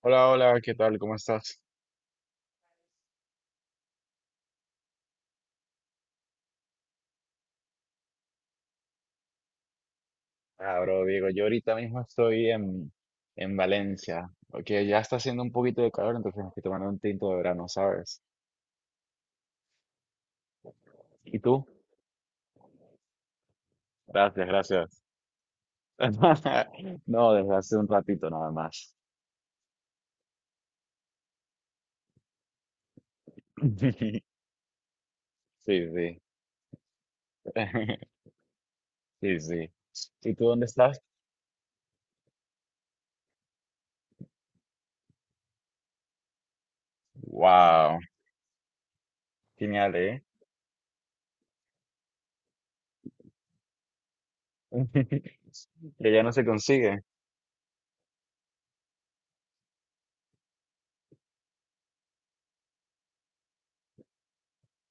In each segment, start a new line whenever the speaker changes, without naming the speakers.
Hola, hola, ¿qué tal? ¿Cómo estás? Ah, bro, Diego, yo ahorita mismo estoy en Valencia, porque ya está haciendo un poquito de calor, entonces me estoy tomando un tinto de verano, ¿sabes? ¿Y tú? Gracias, gracias. No, desde hace un ratito nada más. Sí, sí. Sí, sí. ¿Y tú dónde estás? Wow, genial, ¿eh? Que ya no se consigue.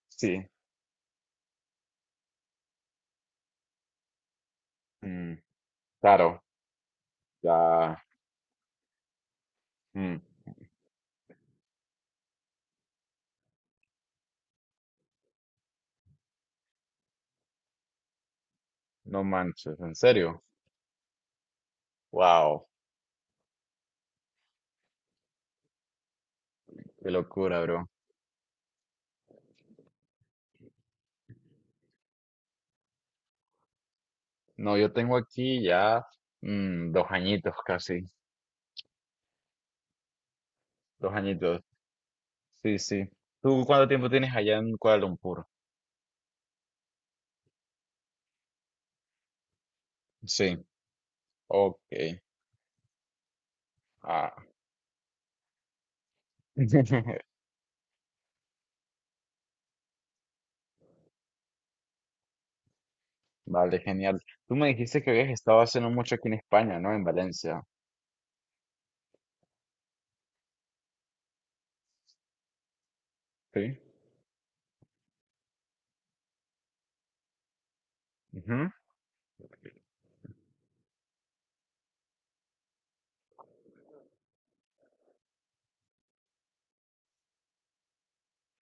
Sí, mm, claro, ya. Mm, no manches, en serio. Wow. Qué locura, bro. No, yo tengo aquí ya dos añitos casi, dos añitos. Sí, sí. ¿Tú cuánto tiempo tienes allá en Kuala Lumpur? Sí, ok. Ah. Vale, genial. Tú me dijiste que habías estado haciendo mucho aquí en España, ¿no? En Valencia. Sí. Ujú,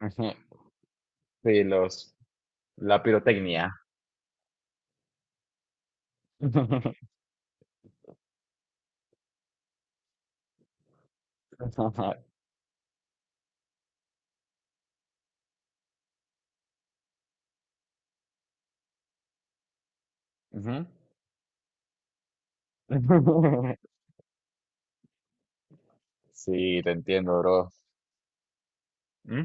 ujú. Sí, la pirotecnia. Ujú. Sí, te entiendo, bro. ¿Mm?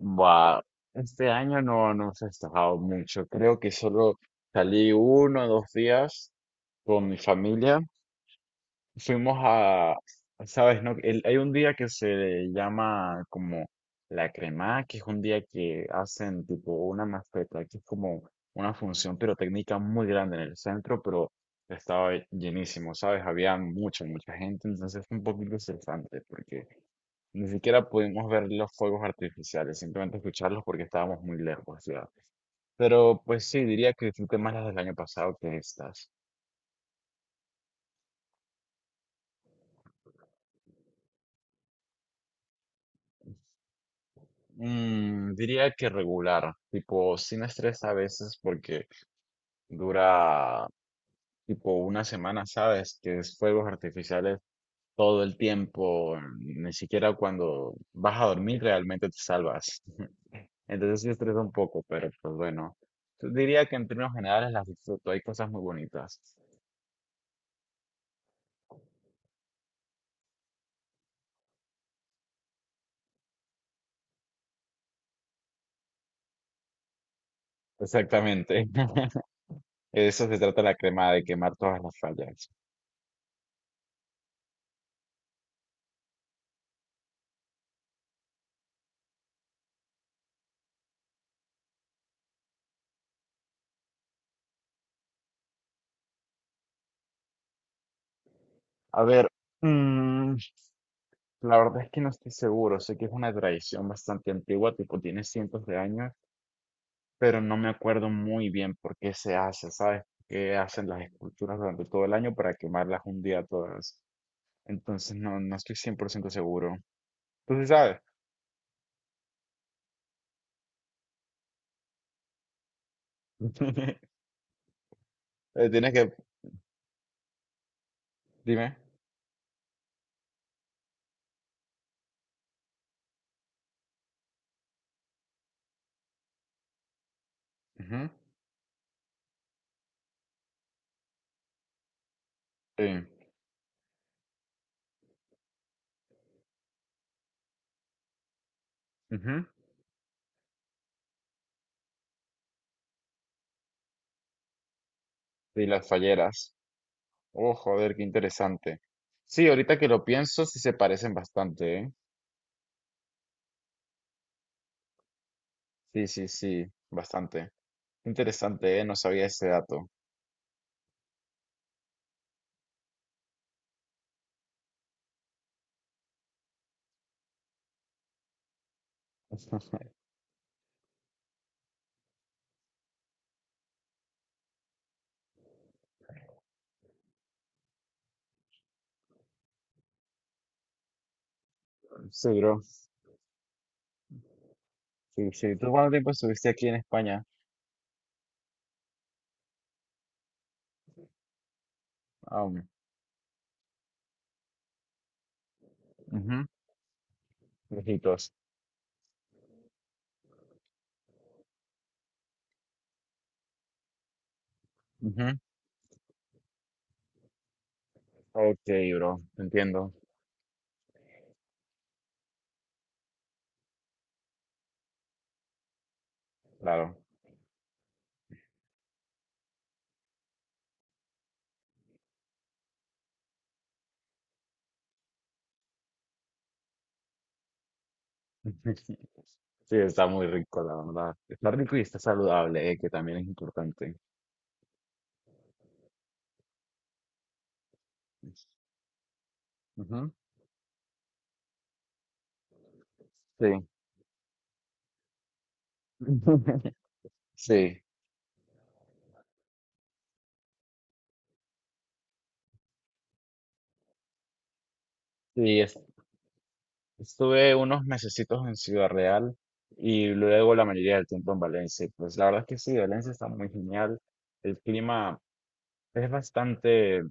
Buah, este año no he festejado mucho. Creo que solo salí uno o dos días con mi familia. Fuimos a, ¿Sabes? ¿No? Hay un día que se llama como la crema, que es un día que hacen tipo una mascleta, que es como una función pirotécnica muy grande en el centro, pero estaba llenísimo, ¿sabes? Había mucha, mucha gente, entonces fue un poquito estresante porque ni siquiera pudimos ver los fuegos artificiales, simplemente escucharlos porque estábamos muy lejos, ya. Pero pues sí, diría que disfruté más las del año pasado que estas. Diría que regular, tipo sin estrés a veces porque dura tipo una semana, ¿sabes? Que es fuegos artificiales todo el tiempo, ni siquiera cuando vas a dormir realmente te salvas. Entonces sí estresa un poco, pero pues bueno. Diría que en términos generales las disfruto, hay cosas muy bonitas. Exactamente. Eso se trata la crema, de quemar todas las fallas. A ver, mm, la verdad es que no estoy seguro. Sé que es una tradición bastante antigua, tipo tiene cientos de años, pero no me acuerdo muy bien por qué se hace, ¿sabes? Que hacen las esculturas durante todo el año para quemarlas un día todas. Entonces no estoy 100% seguro. Tú sí sabes. Eh, Tienes que, Dime. Ujú. Sí. Ujú. Y las falleras. Oh, joder, qué interesante. Sí, ahorita que lo pienso, sí se parecen bastante, ¿eh? Sí, sí, sí, bastante. Interesante, ¿eh? No sabía ese dato. Sí, bro. Sí, sí. ¿Tú cuánto tiempo estuviste aquí en España? Ah, ujú, lejitos. Ujú. Ok, bro. Entiendo. Claro. Sí, está muy rico, la verdad. Está rico y está saludable, que también es importante. Ujú. Sí. Sí. Sí, estuve unos mesecitos en Ciudad Real y luego la mayoría del tiempo en Valencia. Y pues la verdad es que sí, Valencia está muy genial. El clima es bastante,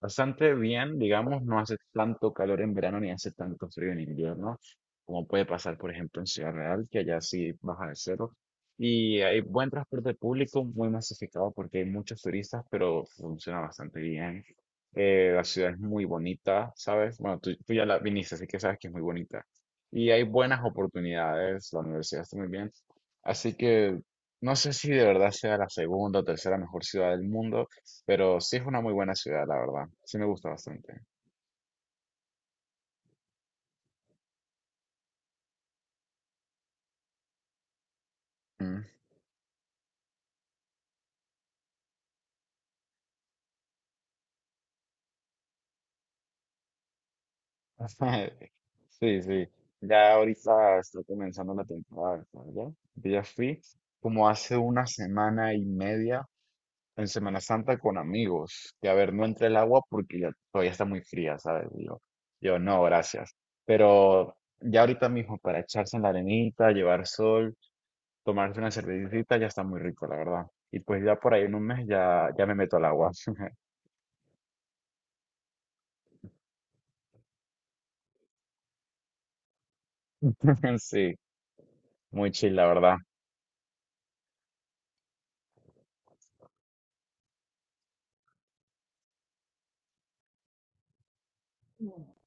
Bastante bien, digamos, no hace tanto calor en verano ni hace tanto frío en invierno, como puede pasar, por ejemplo, en Ciudad Real, que allá sí baja de cero. Y hay buen transporte público, muy masificado porque hay muchos turistas, pero funciona bastante bien. La ciudad es muy bonita, ¿sabes? Bueno, tú ya la viniste, así que sabes que es muy bonita. Y hay buenas oportunidades, la universidad está muy bien. Así que no sé si de verdad sea la segunda o tercera mejor ciudad del mundo, pero sí es una muy buena ciudad, la verdad. Sí me gusta bastante. Mm. Sí, sí. Ya ahorita está comenzando la temporada de sol, ¿ya? Yo ya fui como hace una semana y media en Semana Santa con amigos. Y a ver, no entré el agua porque ya todavía está muy fría, ¿sabes? Y yo no, gracias. Pero ya ahorita mismo para echarse en la arenita, llevar sol, tomarse una cervecita, ya está muy rico, la verdad. Y pues ya por ahí en un mes ya me meto al agua. Sí. Muy chill, la verdad.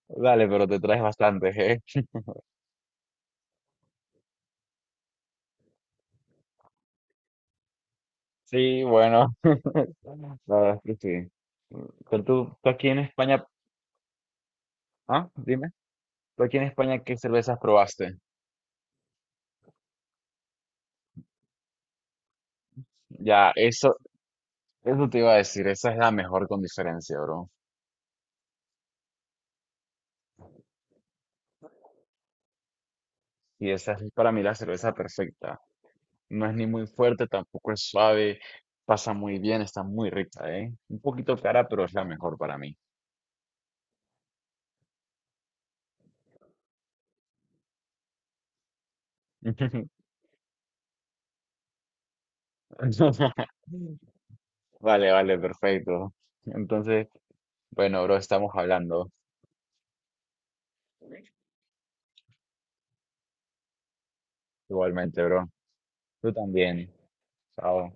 Dale, pero te traes bastante, ¿eh? Sí, bueno, la verdad es que sí. Pero tú aquí en España, dime, tú aquí en España, ¿qué cervezas probaste? Ya, eso te iba a decir, esa es la mejor con diferencia, bro. Y esa es para mí la cerveza perfecta. No es ni muy fuerte, tampoco es suave, pasa muy bien, está muy rica, ¿eh? Un poquito cara, pero es la mejor para mí. Vale, vale, perfecto. Entonces, bueno, bro, estamos hablando igualmente, bro. Tú también. Chao.